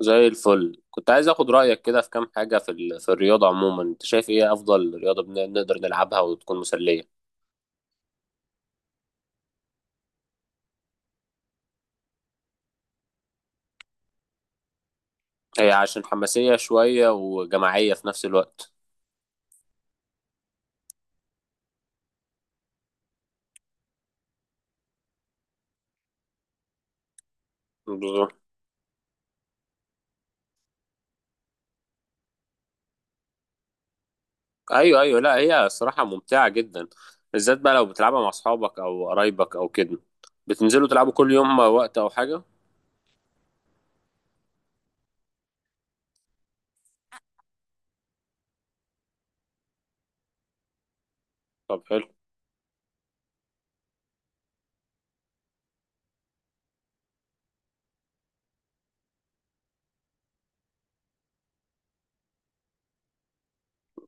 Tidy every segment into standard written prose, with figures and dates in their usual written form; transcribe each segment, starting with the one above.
زي الفل، كنت عايز اخد رأيك كده في كام حاجة في في الرياضة عموما. انت شايف ايه افضل رياضة نقدر نلعبها وتكون مسلية؟ هي عشان حماسية شوية وجماعية في نفس الوقت. بالظبط. ايوه ايوه، لا هي الصراحة ممتعة جدا، بالذات بقى لو بتلعبها مع اصحابك او قرايبك او كده، بتنزلوا تلعبوا كل يوم وقت او حاجة. طب حلو.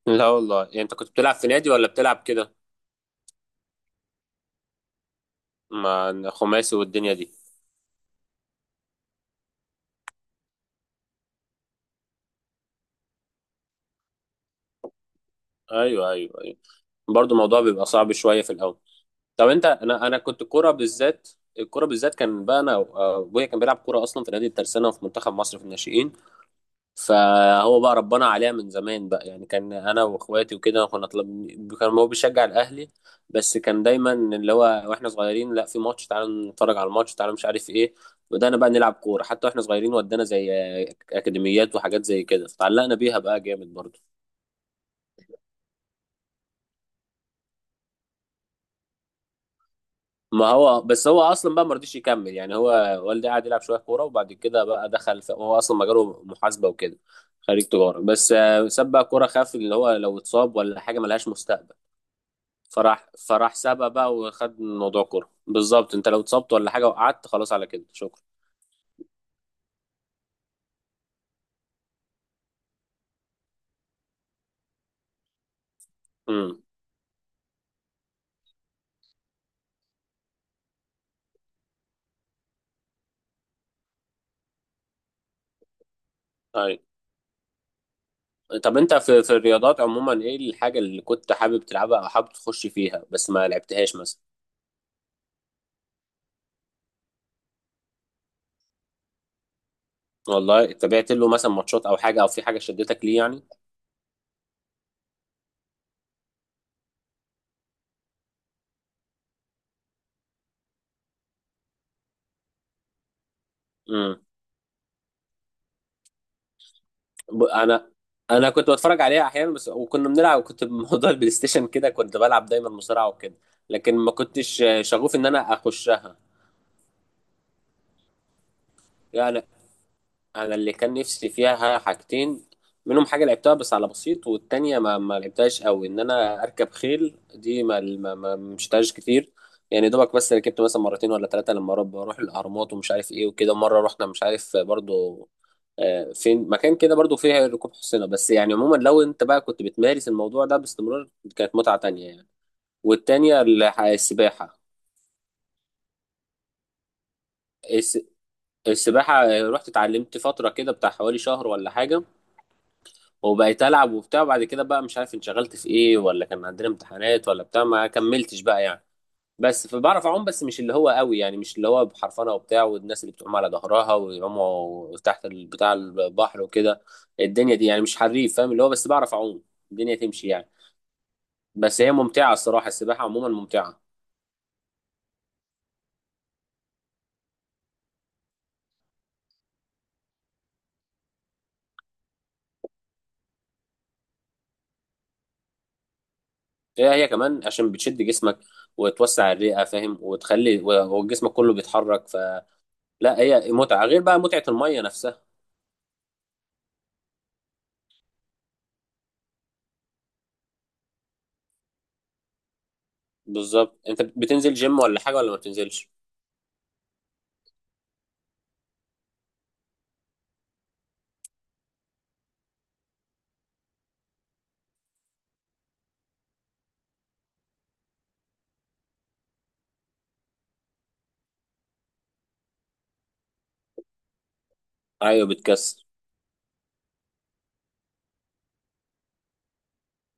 لا والله، يعني انت كنت بتلعب في نادي ولا بتلعب كده مع خماسي والدنيا دي؟ ايوه ايوه ايوه، برضه الموضوع بيبقى صعب شوية في الاول. طب انت، انا كنت كوره بالذات. الكوره بالذات كان بقى انا، ابويا كان بيلعب كوره اصلا في نادي الترسانه وفي منتخب مصر في الناشئين، فهو بقى ربنا عليها من زمان بقى. يعني كان انا واخواتي وكده كنا طلب. كان هو بيشجع الاهلي، بس كان دايما اللي هو واحنا صغيرين، لا في ماتش تعالوا نتفرج على الماتش، تعالوا مش عارف ايه. بدأنا بقى نلعب كوره حتى واحنا صغيرين، ودانا زي اكاديميات وحاجات زي كده، فتعلقنا بيها بقى جامد برضه. ما هو بس هو اصلا بقى ما رضيش يكمل، يعني هو والدي قعد يلعب شويه كوره، وبعد كده بقى دخل في، هو اصلا مجاله محاسبه وكده، خريج تجاره، بس ساب بقى كوره، خاف اللي هو لو اتصاب ولا حاجه ملهاش مستقبل. فراح فراح سابها بقى وخد موضوع كوره بالظبط، انت لو اتصبت ولا حاجه وقعدت، خلاص على كده شكرا. امم. اي. طب انت في في الرياضات عموما ايه الحاجه اللي كنت حابب تلعبها او حابب تخش فيها بس ما لعبتهاش مثلا؟ والله تابعت له مثلا ماتشات او حاجه، او في حاجه شدتك ليه يعني؟ انا، انا كنت بتفرج عليها احيانا بس، وكنا بنلعب، كنت بموضوع البلاي ستيشن كده، كنت بلعب دايما مصارعه وكده، لكن ما كنتش شغوف ان انا اخشها. يعني انا اللي كان نفسي فيها حاجتين، منهم حاجه لعبتها بس على بسيط، والتانيه ما لعبتهاش قوي، ان انا اركب خيل. دي ما مشتهاش كتير، يعني دوبك بس ركبت مثلا مرتين ولا ثلاثه لما رب اروح الاهرامات ومش عارف ايه وكده. مره رحنا مش عارف برضو فين مكان كده برضو فيه ركوب حصينة. بس يعني عموما، لو انت بقى كنت بتمارس الموضوع ده باستمرار، كانت متعة تانية يعني. والتانية السباحة. الس- السباحة رحت اتعلمت فترة كده بتاع حوالي شهر ولا حاجة، وبقيت ألعب وبتاع، وبعد كده بقى مش عارف انشغلت في ايه، ولا كان عندنا امتحانات ولا بتاع، ما كملتش بقى يعني. بس فبعرف اعوم، بس مش اللي هو قوي. يعني مش اللي هو بحرفنة وبتاع، والناس اللي بتعوم على ظهرها ويعوموا تحت بتاع البحر وكده الدنيا دي، يعني مش حريف، فاهم اللي هو، بس بعرف اعوم، الدنيا تمشي يعني. بس هي ممتعة الصراحة، السباحة عموما ممتعة. هي هي كمان عشان بتشد جسمك وتوسع الرئة، فاهم، وتخلي وجسمك كله بيتحرك فلا. هي متعة غير بقى متعة المية نفسها. بالظبط. انت بتنزل جيم ولا حاجة ولا ما بتنزلش؟ ايوه بتكسر.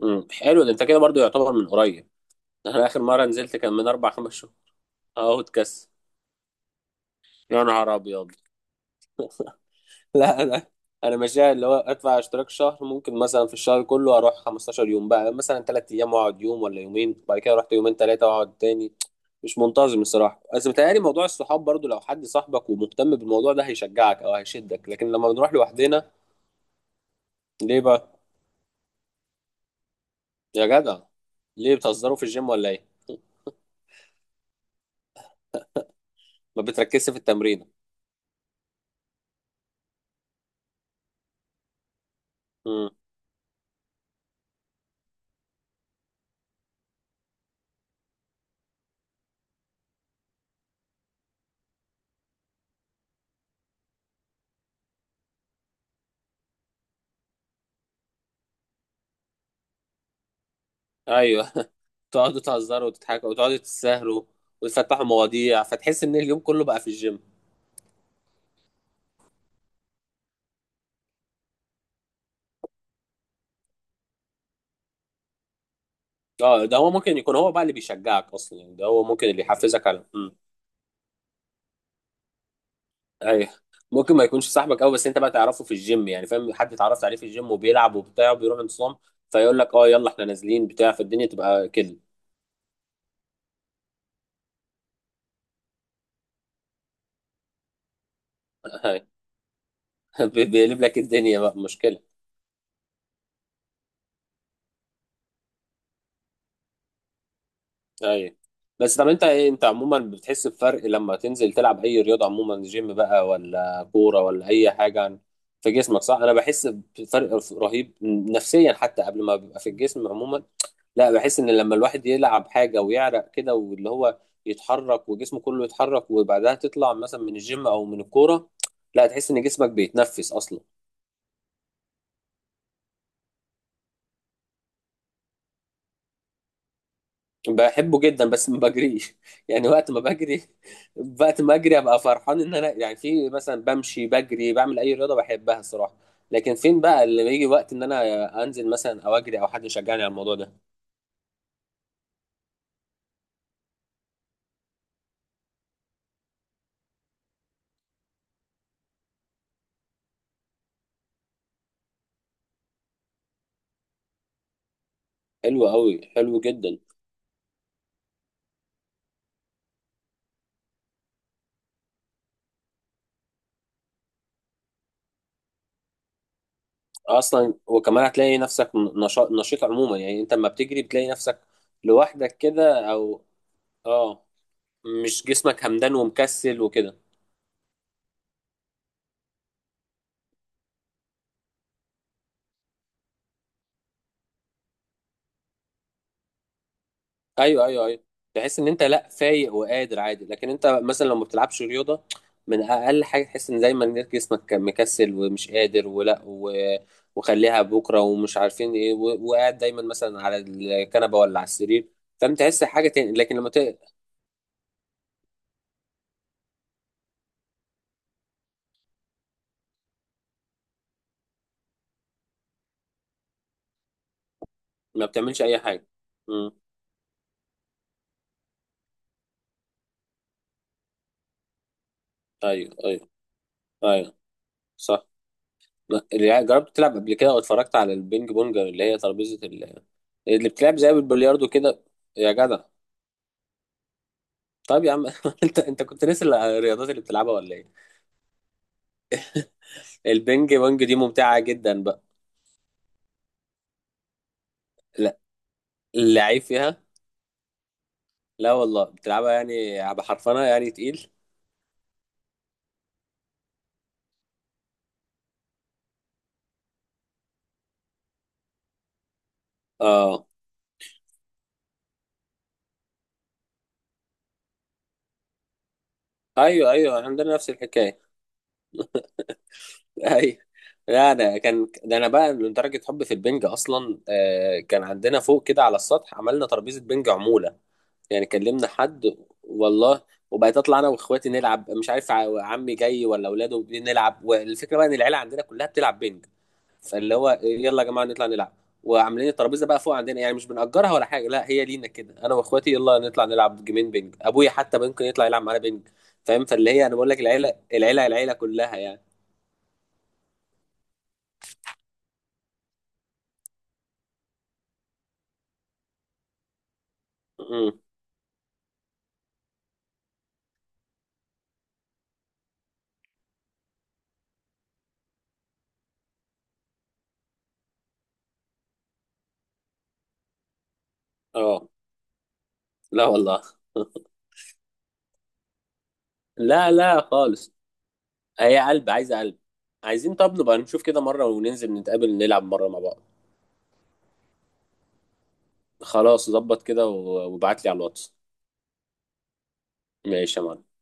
حلو، ده انت كده برضو يعتبر من قريب. انا اخر مرة نزلت كان من 4 5 شهور. اهو اتكسر. يا نهار ابيض. لا انا، انا ماشيها اللي هو ادفع اشتراك شهر، ممكن مثلا في الشهر كله اروح 15 يوم، بقى مثلا 3 ايام واقعد يوم ولا يومين، بعد كده رحت يومين ثلاثه واقعد تاني. مش منتظم الصراحه، بس متهيألي موضوع الصحاب برضو، لو حد صاحبك ومهتم بالموضوع ده هيشجعك او هيشدك، لكن لما بنروح لوحدنا. ليه بقى؟ يا جدع، ليه بتهزروا في الجيم ولا ايه؟ ما بتركزش في التمرين. امم. ايوه. تقعدوا تهزروا وتضحكوا وتقعدوا تسهروا وتفتحوا مواضيع، فتحس ان اليوم كله بقى في الجيم. اه ده هو ممكن يكون هو بقى اللي بيشجعك اصلا، يعني ده هو ممكن اللي يحفزك على، امم. ايوه، ممكن ما يكونش صاحبك قوي، بس انت بقى تعرفه في الجيم، يعني فاهم، حد اتعرفت عليه في الجيم، وبيلعب وبتاع وبيروح انتصام، فيقول لك اه يلا احنا نازلين بتاع، فالدنيا تبقى كده. بيقلب لك الدنيا بقى مشكلة. ايوه. بس طب انت ايه، انت عموما بتحس بفرق لما تنزل تلعب اي رياضه عموما، جيم بقى ولا كوره ولا اي حاجه، في جسمك، صح؟ انا بحس بفرق رهيب نفسيا، حتى قبل ما بيبقى في الجسم عموما. لا بحس ان لما الواحد يلعب حاجه ويعرق كده، واللي هو يتحرك وجسمه كله يتحرك، وبعدها تطلع مثلا من الجيم او من الكوره، لا تحس ان جسمك بيتنفس اصلا. بحبه جدا، بس ما بجريش يعني وقت ما بجري. وقت ما اجري ابقى فرحان ان انا يعني في، مثلا بمشي، بجري، بعمل اي رياضه، بحبها الصراحه. لكن فين بقى اللي بيجي وقت ان انا انزل مثلا او اجري او حد يشجعني على الموضوع ده. حلو قوي، حلو جدا. اصلا وكمان هتلاقي نفسك نشاط، نشيط عموما، يعني انت لما بتجري بتلاقي نفسك لوحدك كده او، اه مش جسمك همدان ومكسل وكده. ايوه ايوه ايوه، تحس ان انت لا فايق وقادر عادي، لكن انت مثلا لو ما بتلعبش رياضه، من اقل حاجه تحس ان دايما إنك جسمك مكسل ومش قادر وخليها بكره ومش عارفين ايه وقاعد دايما مثلا على الكنبه ولا على السرير، فانت تحس حاجه تاني، لكن ما بتعملش اي حاجه. امم. ايوه ايوه ايوه. صح. لا، اللي جربت تلعب قبل كده واتفرجت على البينج بونج، اللي هي ترابيزه اللي بتلعب زي بالبلياردو كده؟ يا جدع، طب يا عم انت انت كنت ناسي الرياضات اللي بتلعبها ولا ايه؟ البينج بونج دي ممتعة جدا بقى. لا اللعيب فيها. لا والله بتلعبها يعني بحرفنة، يعني تقيل. اه. ايوه ايوه، عندنا نفس الحكاية. ايوه. لا انا كان ده انا بقى لدرجة حب في البنج اصلا، آه كان عندنا فوق كده على السطح، عملنا ترابيزة بنج عمولة، يعني كلمنا حد. والله، وبقيت اطلع انا واخواتي نلعب، مش عارف عمي جاي ولا اولاده، بنلعب، والفكره بقى ان العيله عندنا كلها بتلعب بينج، فاللي هو إيه، يلا يا جماعه نطلع نلعب، وعاملين الترابيزه بقى فوق عندنا، يعني مش بنأجرها ولا حاجه، لا هي لينا كده، انا واخواتي يلا نطلع نلعب جيمين بينج، ابويا حتى ممكن يطلع يلعب معانا بينج، فاهم، فاللي هي انا بقول لك، العيله كلها يعني. امم. اه. لا والله. لا لا خالص. هي قلب، عايزه قلب. عايزين، طب نبقى نشوف كده مره وننزل نتقابل نلعب مره مع بعض. خلاص ظبط كده وابعت لي على الواتس. ماشي يا معلم.